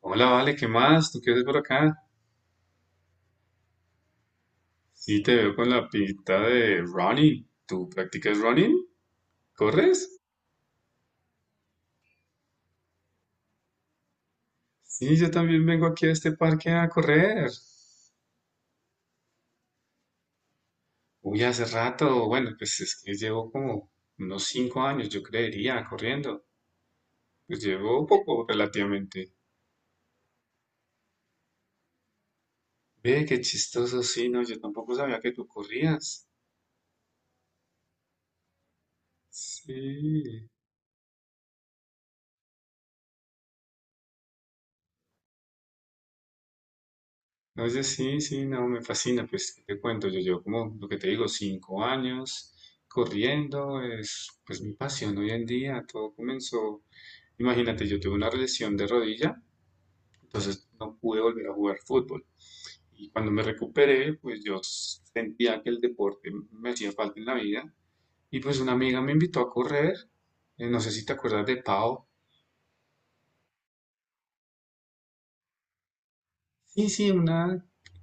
Hola, Vale, ¿qué más? ¿Tú qué haces por acá? Sí, te veo con la pinta de running. ¿Tú practicas running? ¿Corres? Sí, yo también vengo aquí a este parque a correr. Uy, hace rato, bueno, pues es que llevo como unos 5 años, yo creería, corriendo. Pues llevo poco relativamente. Ve, qué chistoso, sí, no, yo tampoco sabía que tú corrías. Sí. No, yo sí, sí, no, me fascina, pues, ¿qué te cuento? Yo llevo como, lo que te digo, 5 años corriendo, es pues mi pasión hoy en día. Todo comenzó, imagínate, yo tuve una lesión de rodilla, entonces no pude volver a jugar fútbol. Y cuando me recuperé, pues yo sentía que el deporte me hacía falta en la vida. Y pues una amiga me invitó a correr, no sé si te acuerdas de Pau. Sí, sí, una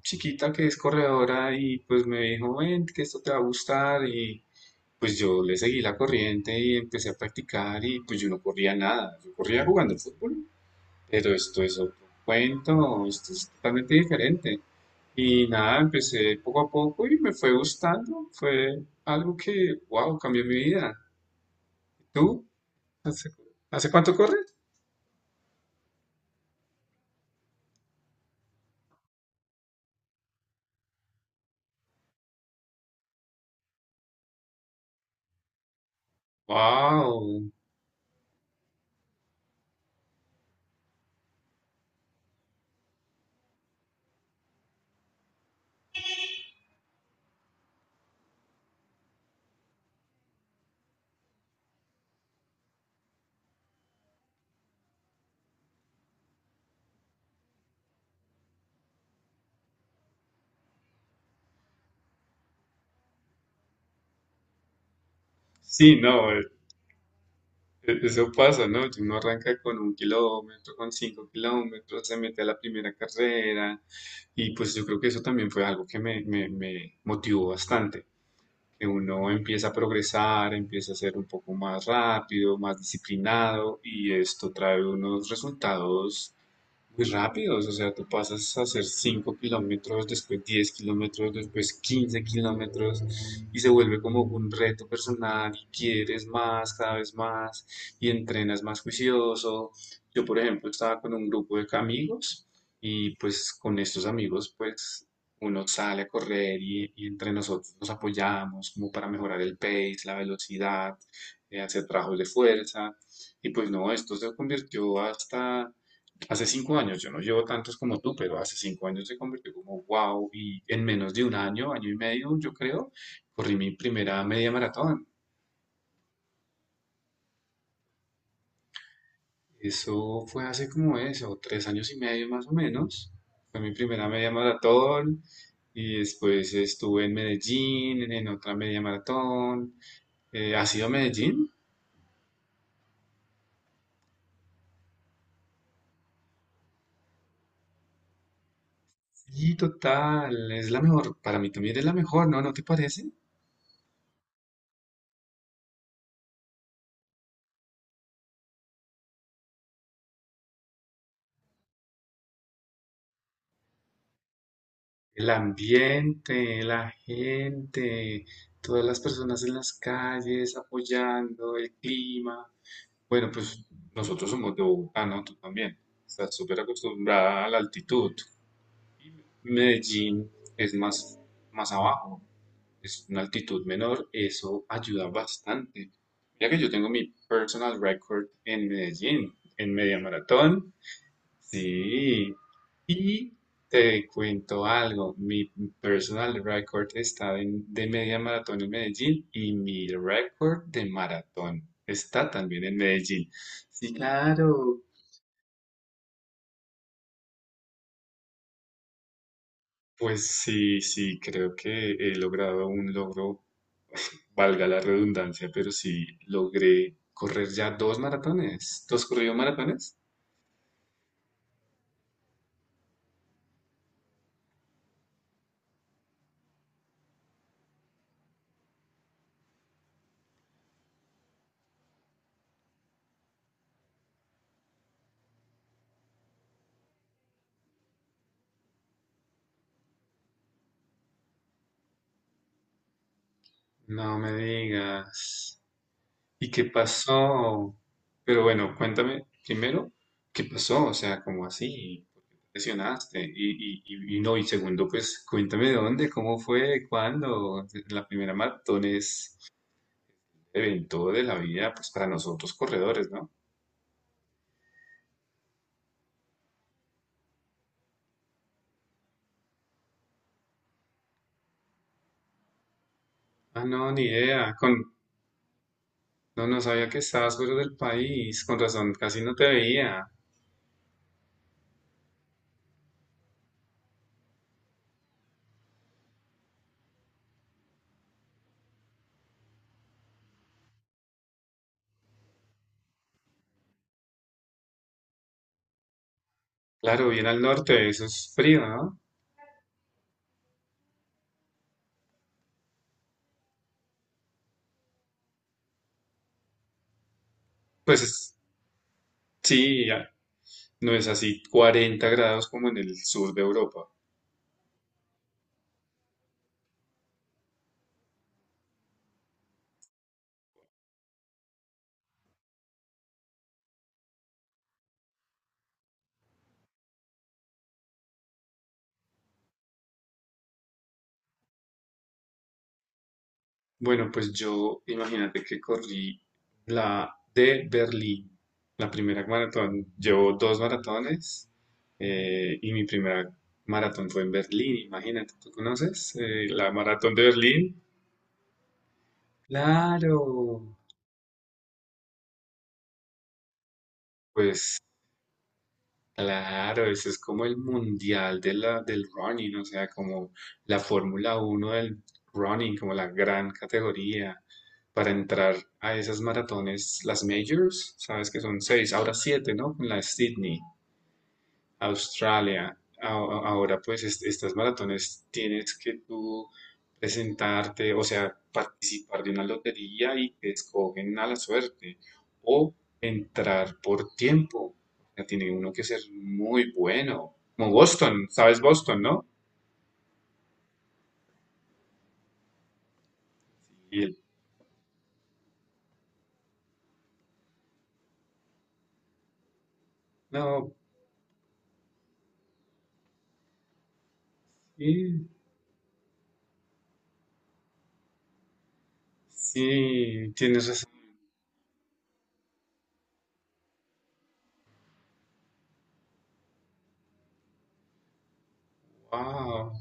chiquita que es corredora y pues me dijo, ven, que esto te va a gustar. Y... Pues yo le seguí la corriente y empecé a practicar, y pues yo no corría nada, yo corría jugando fútbol, pero esto es otro cuento, esto es totalmente diferente. Y nada, empecé poco a poco y me fue gustando, fue algo que, wow, cambió mi vida. ¿Tú? ¿Hace, hace cuánto corres? Wow. Sí, no, eso pasa, ¿no? Uno arranca con un kilómetro, con 5 kilómetros, se mete a la primera carrera, y pues yo creo que eso también fue algo que me motivó bastante, que uno empieza a progresar, empieza a ser un poco más rápido, más disciplinado, y esto trae unos resultados muy rápidos. O sea, tú pasas a hacer 5 kilómetros, después 10 kilómetros, después 15 kilómetros, y se vuelve como un reto personal y quieres más, cada vez más, y entrenas más juicioso. Yo, por ejemplo, estaba con un grupo de amigos, y pues con estos amigos pues uno sale a correr y entre nosotros nos apoyamos como para mejorar el pace, la velocidad, hacer trabajos de fuerza. Y pues no, esto se convirtió hasta. Hace 5 años, yo no llevo tantos como tú, pero hace 5 años se convirtió como wow, y en menos de un año, año y medio, yo creo, corrí mi primera media maratón. Eso fue hace como eso, 3 años y medio más o menos. Fue mi primera media maratón, y después estuve en Medellín, en otra media maratón. ¿Has ido a Medellín? Sí, total, es la mejor, para mí también es la mejor, ¿no? ¿No te parece? El ambiente, la gente, todas las personas en las calles apoyando, el clima. Bueno, pues nosotros somos de Bogotá, ¿no? Tú también. Estás súper acostumbrada a la altitud. Medellín es más abajo, es una altitud menor, eso ayuda bastante. Mira que yo tengo mi personal record en Medellín, en media maratón. Sí, y te cuento algo, mi personal record está de media maratón en Medellín, y mi record de maratón está también en Medellín. Sí, claro. Pues sí, sí, creo que he logrado un logro, valga la redundancia, pero sí logré correr ya dos maratones, dos corridos maratones. No me digas. ¿Y qué pasó? Pero bueno, cuéntame primero, ¿qué pasó? O sea, ¿cómo así? ¿Por qué te lesionaste? Y no, y segundo, pues cuéntame dónde, cómo fue, cuándo. La primera maratón es evento de la vida, pues para nosotros corredores, ¿no? Ah, no, ni idea. No, no sabía que estabas fuera del país. Con razón, casi no te veía. Claro, bien al norte, eso es frío, ¿no? Pues sí, ya, no es así 40 grados como en el sur de Europa. Bueno, pues yo imagínate que corrí la de Berlín, la primera maratón. Llevo dos maratones, y mi primera maratón fue en Berlín, imagínate, ¿tú conoces, la maratón de Berlín? Claro. Pues claro, ese es como el mundial de la, del running, o sea, como la Fórmula Uno del running, como la gran categoría para entrar a esas maratones, las majors. Sabes que son seis, ahora siete, ¿no? Con la de Sydney. Australia. Ahora, pues, estas maratones tienes que tú presentarte, o sea, participar de una lotería y te escogen a la suerte, o entrar por tiempo. O sea, tiene uno que ser muy bueno. Como Boston, ¿sabes Boston, no? Y él, no, sí, sí, tienes razón. Wow.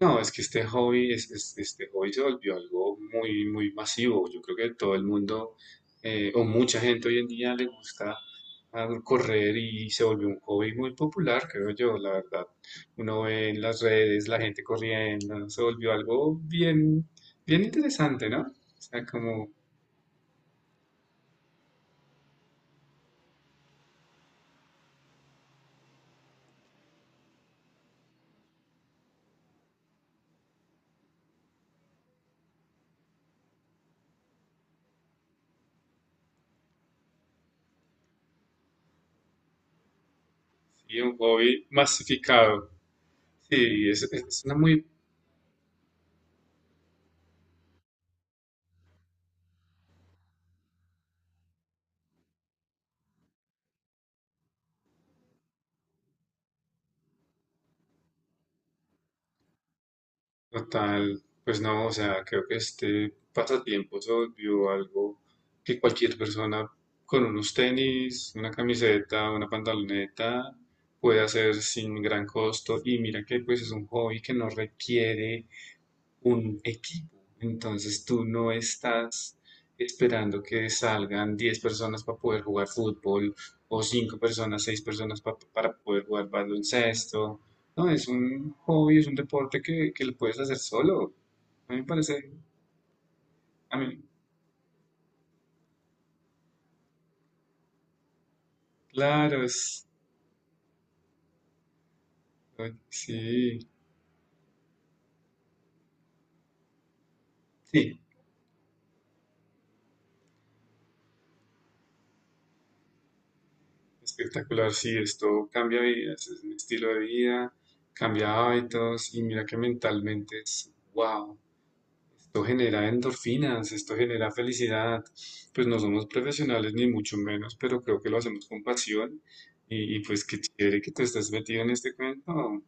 No, es que este hobby, este hobby se volvió algo muy, muy masivo. Yo creo que todo el mundo, o mucha gente hoy en día le gusta, ah, correr, y se volvió un hobby muy popular, creo yo, la verdad. Uno ve en las redes la gente corriendo, se volvió algo bien, bien interesante, ¿no? O sea, como sí, un hobby masificado. Sí, es una muy total, pues no, o sea, creo que este pasatiempo se volvió algo que cualquier persona con unos tenis, una camiseta, una pantaloneta puede hacer sin gran costo. Y mira que pues es un hobby que no requiere un equipo. Entonces tú no estás esperando que salgan 10 personas para poder jugar fútbol, o 5 personas, 6 personas para poder jugar baloncesto. No, es un hobby, es un deporte que lo puedes hacer solo. A mí me parece, a mí, claro, es, sí, sí, espectacular, sí, esto cambia vidas, es un estilo de vida, cambia hábitos, y mira que mentalmente es wow. Esto genera endorfinas, esto genera felicidad. Pues no somos profesionales ni mucho menos, pero creo que lo hacemos con pasión. Y pues qué chévere que tú estás metido en este cuento.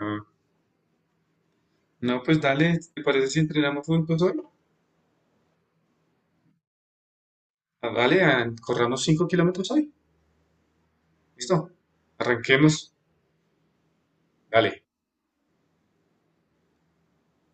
Ah, no, pues dale, ¿te parece si entrenamos juntos hoy? Ah, ah, corramos 5 kilómetros hoy. Listo, arranquemos. Dale.